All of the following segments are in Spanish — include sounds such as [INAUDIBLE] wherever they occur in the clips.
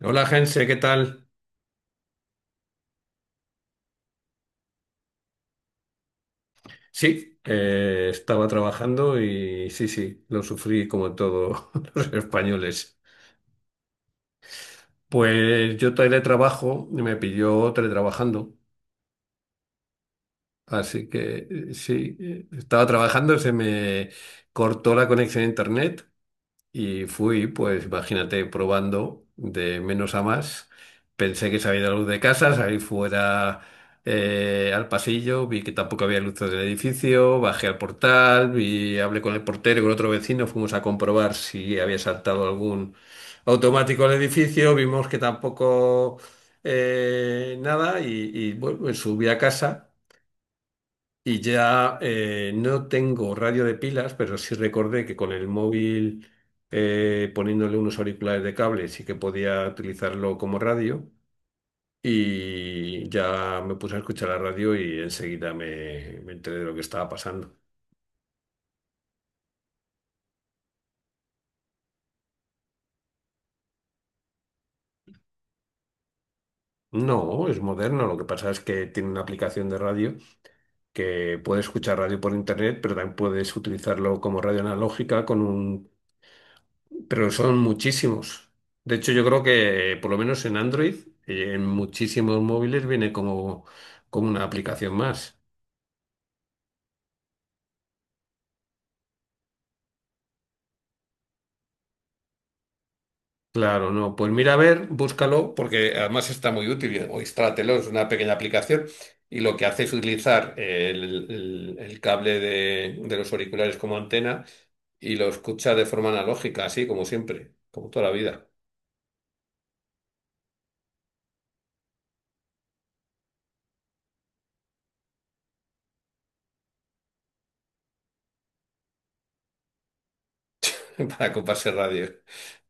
Hola, Jense, ¿qué tal? Sí, estaba trabajando y sí, sí, lo sufrí como todos [LAUGHS] los españoles. Pues yo teletrabajo, y me pilló teletrabajando, así que sí, estaba trabajando, se me cortó la conexión a internet. Y fui, pues imagínate, probando de menos a más. Pensé que se había ido la luz de casa, salí fuera al pasillo, vi que tampoco había luz del edificio, bajé al portal, vi, hablé con el portero y con otro vecino, fuimos a comprobar si había saltado algún automático al edificio, vimos que tampoco nada y bueno, me subí a casa. Y ya no tengo radio de pilas, pero sí recordé que con el móvil poniéndole unos auriculares de cable sí que podía utilizarlo como radio. Y ya me puse a escuchar la radio y enseguida me enteré de lo que estaba pasando. No, es moderno. Lo que pasa es que tiene una aplicación de radio que puedes escuchar radio por internet, pero también puedes utilizarlo como radio analógica con un. Pero son muchísimos. De hecho, yo creo que por lo menos en Android, en muchísimos móviles viene como, como una aplicación más. Claro, no. Pues mira, a ver, búscalo, porque además está muy útil. O instrálatelo, es una pequeña aplicación. Y lo que hace es utilizar el cable de los auriculares como antena y lo escucha de forma analógica, así como siempre, como toda la vida, [LAUGHS] para comprarse radio.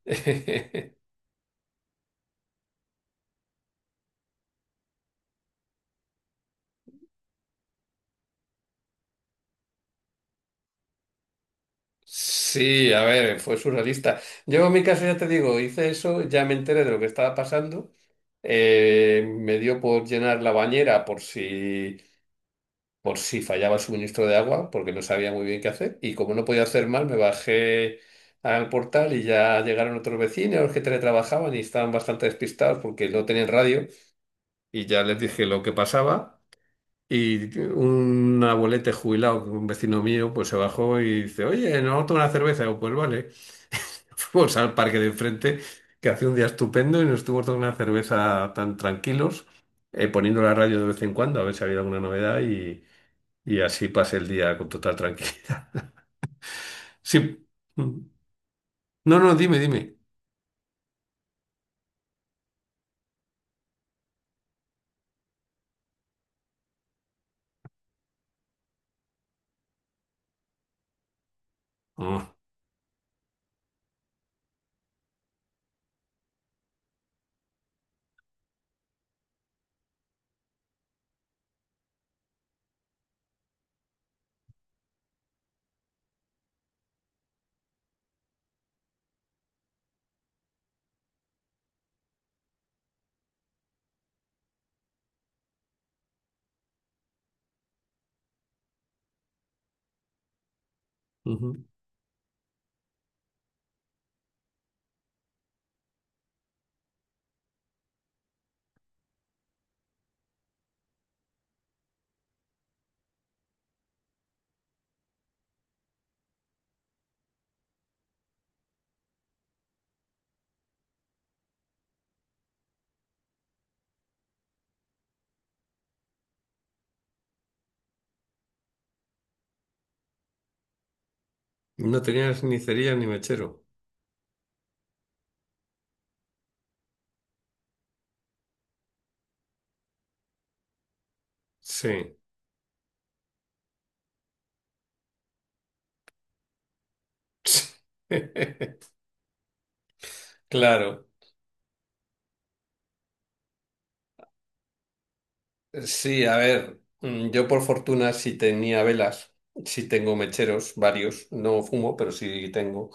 [LAUGHS] Sí, a ver, fue surrealista. Yo en mi caso ya te digo, hice eso, ya me enteré de lo que estaba pasando. Me dio por llenar la bañera por si fallaba el suministro de agua, porque no sabía muy bien qué hacer. Y como no podía hacer mal, me bajé al portal y ya llegaron otros vecinos que teletrabajaban y estaban bastante despistados porque no tenían radio. Y ya les dije lo que pasaba. Y un abuelete jubilado, un vecino mío, pues se bajó y dice, oye, ¿no tomo una cerveza? Y yo, pues vale. Fuimos al parque de enfrente, que hacía un día estupendo, y nos estuvimos tomando una cerveza tan tranquilos, poniendo la radio de vez en cuando a ver si había alguna novedad y así pasé el día con total tranquilidad. [LAUGHS] Sí. Mm. No, no, dime, dime. Ah, ujú. No tenías ni cerilla ni mechero. Sí. [LAUGHS] Claro. Sí, a ver, yo por fortuna sí tenía velas, sí tengo mecheros, varios, no fumo, pero sí tengo.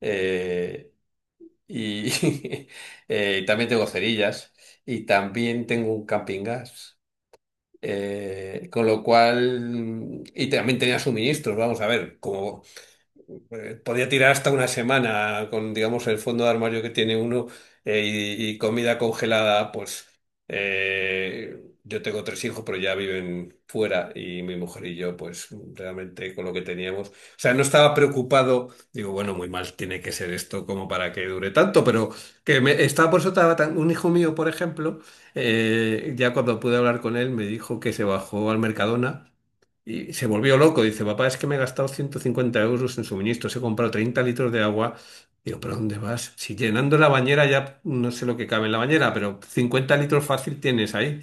Eh, Y [LAUGHS] y también tengo cerillas y también tengo un camping gas. Con lo cual, y también tenía suministros, vamos a ver, como, podía tirar hasta una semana con, digamos, el fondo de armario que tiene uno eh, y comida congelada, pues yo tengo tres hijos, pero ya viven fuera y mi mujer y yo, pues realmente con lo que teníamos, o sea, no estaba preocupado, digo, bueno, muy mal tiene que ser esto como para que dure tanto, pero que me estaba por eso estaba tan, un hijo mío, por ejemplo, ya cuando pude hablar con él, me dijo que se bajó al Mercadona. Y se volvió loco. Dice, papá, es que me he gastado 150 euros en suministros, he comprado 30 litros de agua. Digo, ¿pero dónde vas? Si llenando la bañera ya no sé lo que cabe en la bañera, pero 50 litros fácil tienes ahí.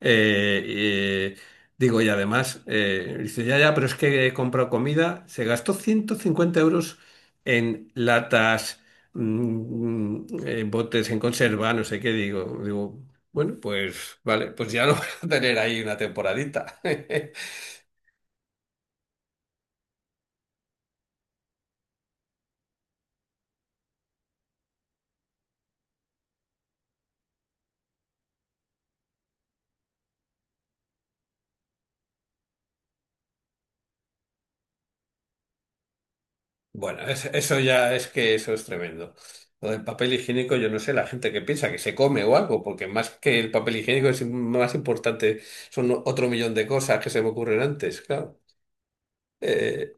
Eh, eh, Digo, y además, dice, ya, ya, pero es que he comprado comida. Se gastó 150 euros en latas, botes en conserva, no sé qué. Digo, bueno, pues vale, pues ya lo [LAUGHS] vas a tener ahí una temporadita. [LAUGHS] Bueno, eso ya es que eso es tremendo. Lo del papel higiénico, yo no sé, la gente que piensa que se come o algo, porque más que el papel higiénico es más importante, son otro millón de cosas que se me ocurren antes, claro. Eh,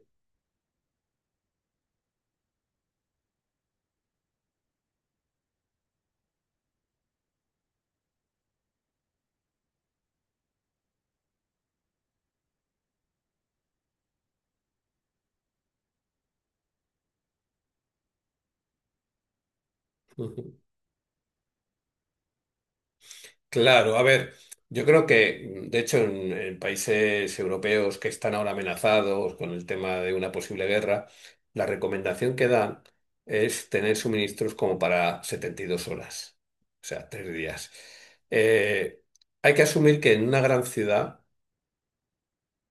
[LAUGHS] Claro, a ver, yo creo que, de hecho, en países europeos que están ahora amenazados con el tema de una posible guerra, la recomendación que dan es tener suministros como para 72 horas, o sea, 3 días. Eh, Hay que asumir que en una gran ciudad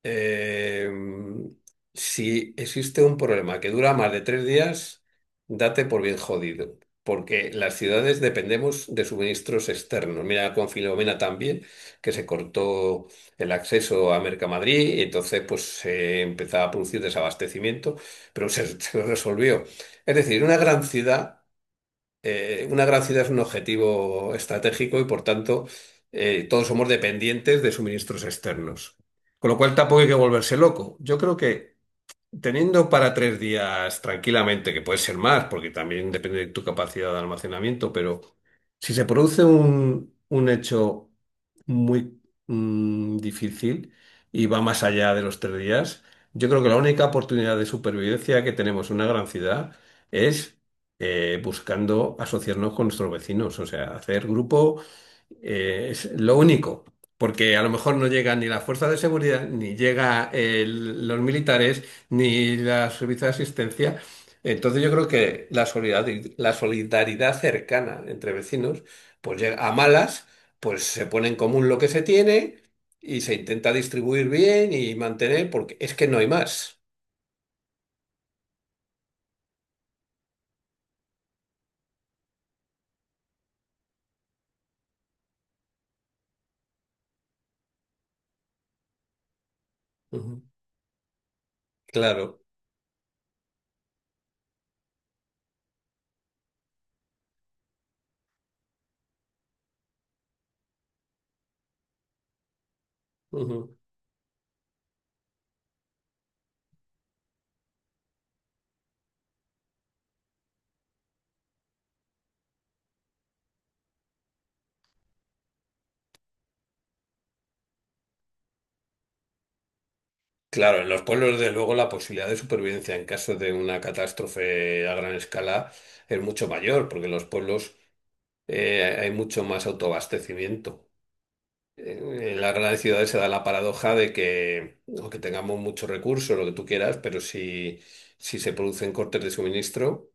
eh, si existe un problema que dura más de 3 días, date por bien jodido, porque las ciudades dependemos de suministros externos. Mira con Filomena también, que se cortó el acceso a Mercamadrid y entonces pues se empezaba a producir desabastecimiento, pero se, [LAUGHS] se resolvió. Es decir, una gran ciudad es un objetivo estratégico y por tanto todos somos dependientes de suministros externos. Con lo cual tampoco hay que volverse loco. Yo creo que teniendo para 3 días tranquilamente, que puede ser más, porque también depende de tu capacidad de almacenamiento, pero si se produce un hecho muy difícil y va más allá de los 3 días, yo creo que la única oportunidad de supervivencia que tenemos en una gran ciudad es buscando asociarnos con nuestros vecinos, o sea, hacer grupo es lo único. Porque a lo mejor no llegan ni las fuerzas de seguridad, ni llega los militares, ni la servicio de asistencia. Entonces yo creo que la solidaridad cercana entre vecinos, pues llega a malas, pues se pone en común lo que se tiene y se intenta distribuir bien y mantener, porque es que no hay más. Ujú, claro, ujú. Claro, en los pueblos, desde luego, la posibilidad de supervivencia en caso de una catástrofe a gran escala es mucho mayor, porque en los pueblos hay mucho más autoabastecimiento. En las grandes ciudades se da la paradoja de que, aunque tengamos muchos recursos, lo que tú quieras, pero si, si se producen cortes de suministro,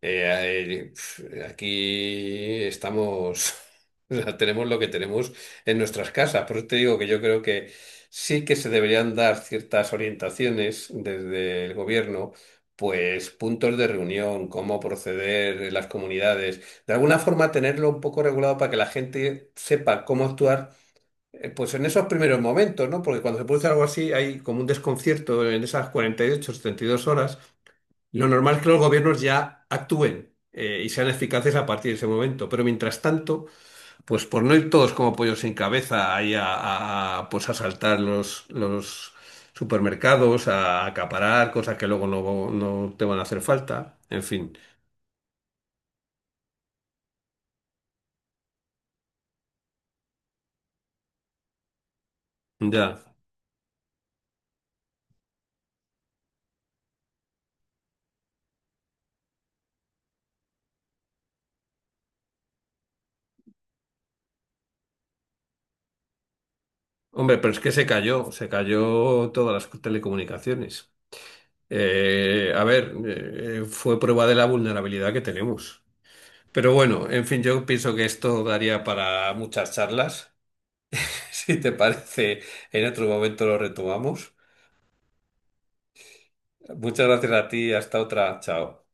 aquí estamos, [LAUGHS] o sea, tenemos lo que tenemos en nuestras casas. Por eso te digo que yo creo que sí que se deberían dar ciertas orientaciones desde el gobierno, pues puntos de reunión, cómo proceder en las comunidades, de alguna forma tenerlo un poco regulado para que la gente sepa cómo actuar pues en esos primeros momentos, ¿no? Porque cuando se produce algo así hay como un desconcierto en esas 48, 72 horas. Lo normal es que los gobiernos ya actúen y sean eficaces a partir de ese momento. Pero mientras tanto, pues por no ir todos como pollos sin cabeza ahí pues asaltar los supermercados, a acaparar cosas que luego no, no te van a hacer falta. En fin, ya. Hombre, pero es que se cayó todas las telecomunicaciones. A ver, fue prueba de la vulnerabilidad que tenemos. Pero bueno, en fin, yo pienso que esto daría para muchas charlas. [LAUGHS] Si te parece, en otro momento lo retomamos. Muchas gracias a ti, hasta otra, chao.